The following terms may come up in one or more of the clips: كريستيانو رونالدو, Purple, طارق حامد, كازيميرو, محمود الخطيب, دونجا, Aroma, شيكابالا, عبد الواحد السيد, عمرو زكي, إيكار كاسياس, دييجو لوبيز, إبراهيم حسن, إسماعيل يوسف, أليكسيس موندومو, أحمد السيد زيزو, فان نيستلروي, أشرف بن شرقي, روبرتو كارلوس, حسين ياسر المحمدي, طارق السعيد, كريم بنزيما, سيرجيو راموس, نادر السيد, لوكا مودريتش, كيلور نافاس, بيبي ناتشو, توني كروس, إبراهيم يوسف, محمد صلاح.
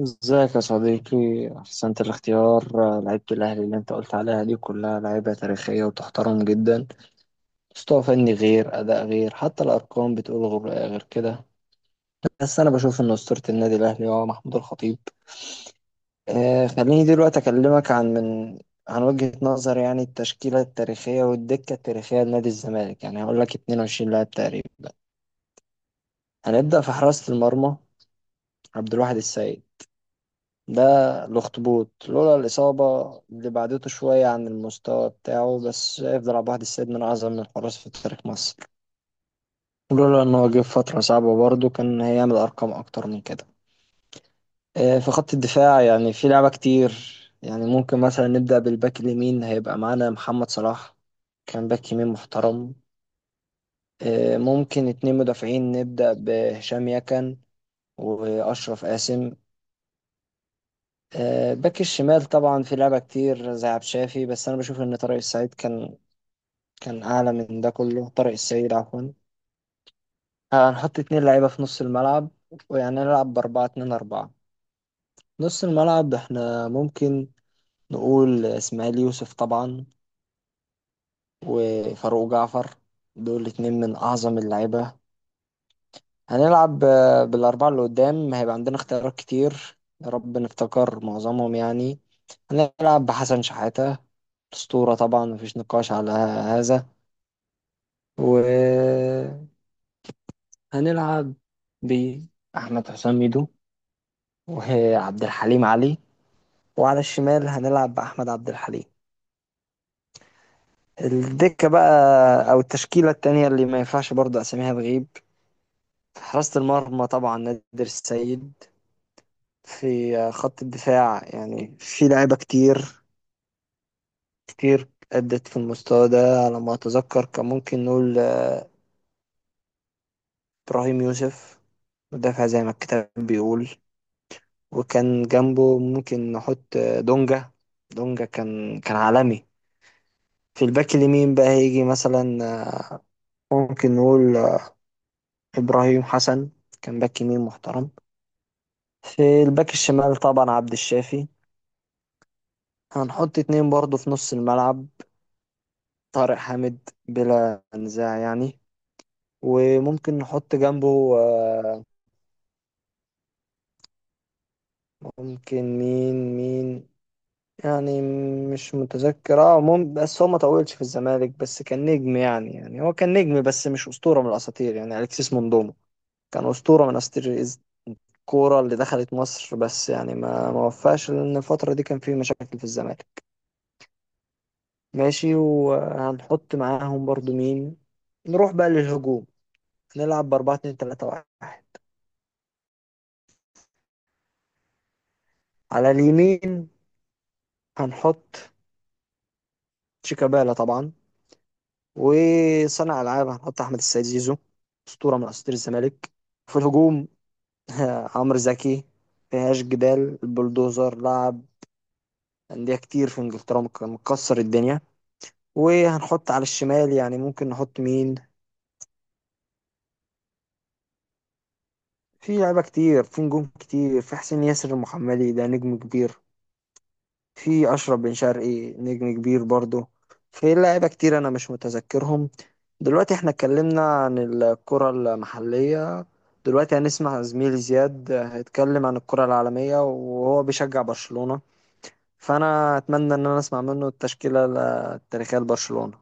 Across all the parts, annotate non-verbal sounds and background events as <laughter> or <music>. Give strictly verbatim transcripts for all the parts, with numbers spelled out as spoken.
ازيك يا صديقي؟ احسنت الاختيار. لعيبة الاهلي اللي انت قلت عليها دي كلها لعيبة تاريخية وتحترم جدا. مستوى فني غير، اداء غير، حتى الارقام بتقول غير غير كده. بس انا بشوف ان اسطورة النادي الاهلي هو محمود الخطيب. آه خليني دلوقتي اكلمك عن من عن وجهة نظر، يعني التشكيلة التاريخية والدكة التاريخية لنادي الزمالك، يعني هقول لك اثنين وعشرين لاعب تقريبا. هنبدأ في حراسة المرمى، عبد الواحد السيد، ده الأخطبوط. لولا الإصابة اللي بعدته شوية عن المستوى بتاعه، بس هيفضل عبد الواحد السيد من أعظم الحراس في تاريخ مصر. لولا إن هو جه في فترة صعبة برضه كان هيعمل أرقام أكتر من كده. آه، في خط الدفاع يعني في لعبة كتير. يعني ممكن مثلا نبدأ بالباك اليمين، هيبقى معانا محمد صلاح، كان باك يمين محترم. آه، ممكن اتنين مدافعين، نبدأ بهشام يكن وأشرف قاسم. آه، باك الشمال طبعا في لعبة كتير زي عبد الشافي، بس أنا بشوف إن طارق السعيد كان كان أعلى من ده كله. طارق السعيد، عفوا. آه، هنحط اتنين لعيبة في نص الملعب، ويعني نلعب بأربعة اتنين أربعة. نص الملعب إحنا ممكن نقول إسماعيل يوسف طبعا، وفاروق جعفر، دول اتنين من أعظم اللعيبة. هنلعب آه، بالأربعة اللي قدام، هيبقى عندنا اختيارات كتير، يا رب نفتكر معظمهم يعني. هنلعب بحسن شحاتة، أسطورة طبعا مفيش نقاش على هذا. وهنلعب بأحمد حسام ميدو، وعبد الحليم علي. وعلى الشمال هنلعب بأحمد عبد الحليم. الدكة بقى أو التشكيلة التانية اللي ما ينفعش برضه أساميها تغيب. في حراسة المرمى طبعا نادر السيد. في خط الدفاع يعني في لعيبة كتير كتير أدت في المستوى ده. على ما أتذكر كان ممكن نقول آه، إبراهيم يوسف، مدافع زي ما الكتاب بيقول. وكان جنبه ممكن نحط آه، دونجا. دونجا كان كان عالمي. في الباك اليمين بقى هيجي مثلا، آه، ممكن نقول آه، إبراهيم حسن، كان باك يمين محترم. في الباك الشمال طبعا عبد الشافي. هنحط اتنين برضه في نص الملعب، طارق حامد بلا نزاع يعني. وممكن نحط جنبه آه، ممكن مين مين، يعني مش متذكر. اه مم... بس هو ما طولش في الزمالك، بس كان نجم يعني. يعني هو كان نجم بس مش أسطورة من الأساطير، يعني أليكسيس موندومو كان أسطورة من أساطير إز- الكورة اللي دخلت مصر. بس يعني ما ما وفاش، لأن الفترة دي كان فيه مشاكل في الزمالك. ماشي، وهنحط معاهم برضو مين. نروح بقى للهجوم، نلعب بأربعة اتنين تلاتة واحد. على اليمين هنحط شيكابالا طبعا. وصانع ألعاب هنحط أحمد السيد زيزو، أسطورة من أساطير الزمالك. في الهجوم <laughs> عمرو زكي، مفيهاش جدال، البلدوزر لعب أندية كتير في إنجلترا، مك- مكسر الدنيا. وهنحط على الشمال يعني ممكن نحط مين. في لعيبة كتير، في نجوم كتير، في حسين ياسر المحمدي ده نجم كبير. في أشرف بن شرقي نجم كبير برضه. في لعيبة كتير أنا مش متذكرهم. دلوقتي احنا اتكلمنا عن الكرة المحلية. دلوقتي هنسمع زميلي زياد هيتكلم عن الكرة العالمية وهو بيشجع برشلونة. فانا اتمنى ان انا اسمع منه التشكيله التاريخيه لبرشلونه.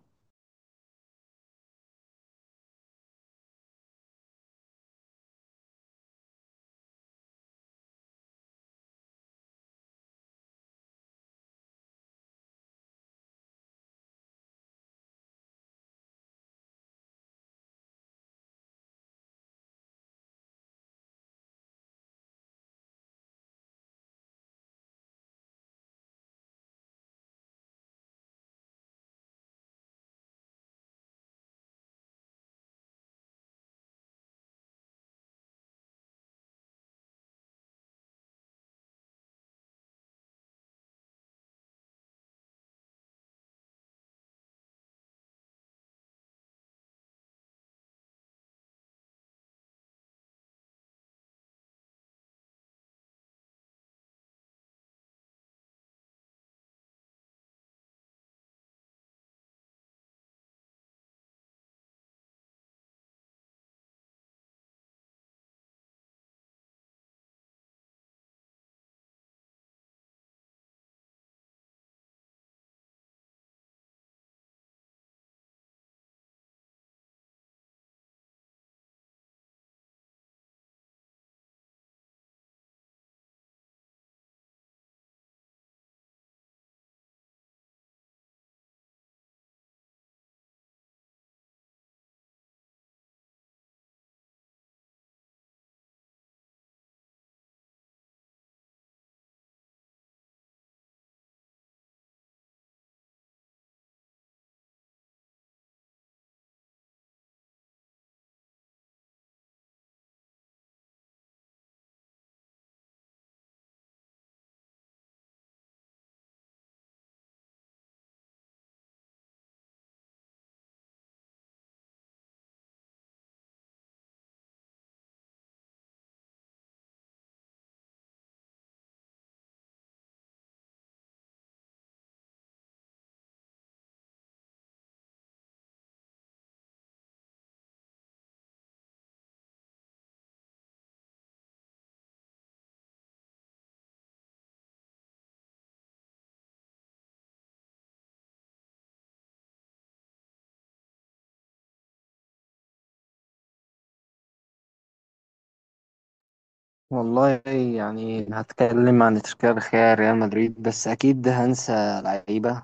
والله، يعني هتكلم عن تشكيلة الخيال ريال مدريد، بس أكيد هنسى لعيبة،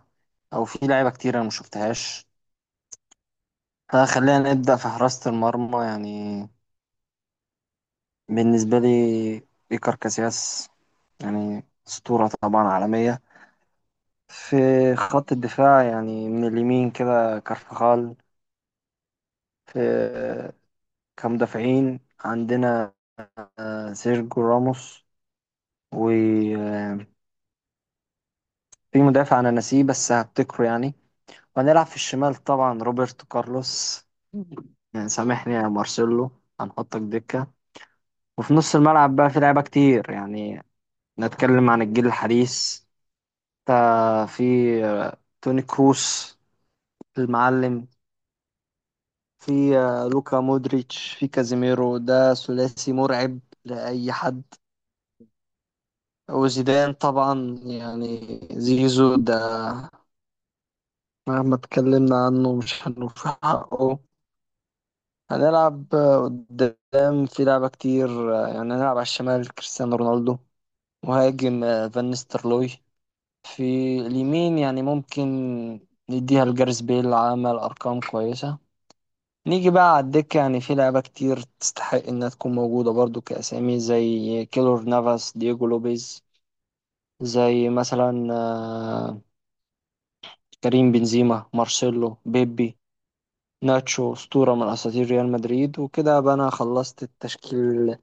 أو في لعيبة كتير أنا مشوفتهاش. فخلينا نبدأ في حراسة المرمى يعني. بالنسبة لي إيكار كاسياس، يعني أسطورة طبعا عالمية. في خط الدفاع يعني من اليمين كده كارفخال. في كمدافعين عندنا آه، سيرجيو راموس. وفي مدافع انا ناسيه بس هفتكره يعني. وهنلعب في الشمال طبعا روبرتو كارلوس. يعني سامحني يا مارسيلو، هنحطك دكة. وفي نص الملعب بقى في لعيبة كتير يعني. نتكلم عن الجيل الحديث، تا- في آه، توني كروس المعلم. في آه، لوكا مودريتش، في كازيميرو، ده ثلاثي مرعب لأي حد. وزيدان طبعا يعني زيزو، ده مهما اتكلمنا عنه مش هنوفي حقه. هنلعب قدام في لعبة كتير يعني، هنلعب على الشمال كريستيانو رونالدو. مهاجم آه، فان نيستلروي. في اليمين يعني ممكن نديها لجاريث بيل، عمل أرقام كويسة. نيجي بقى على الدكة، يعني في لعبة كتير تستحق إنها تكون موجودة برضو، كأسامي زي كيلور نافاس، دييجو لوبيز، زي مثلا آه، كريم بنزيما، مارسيلو، بيبي، ناتشو، أسطورة من أساطير ريال مدريد. وكده بقى أنا خلصت التشكيل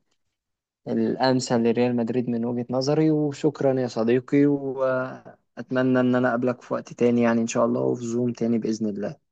الأمثل لريال مدريد من وجهة نظري. وشكرا يا صديقي، وأتمنى إن أنا أقابلك في وقت تاني يعني، إن شاء الله، وفي زوم تاني بإذن الله.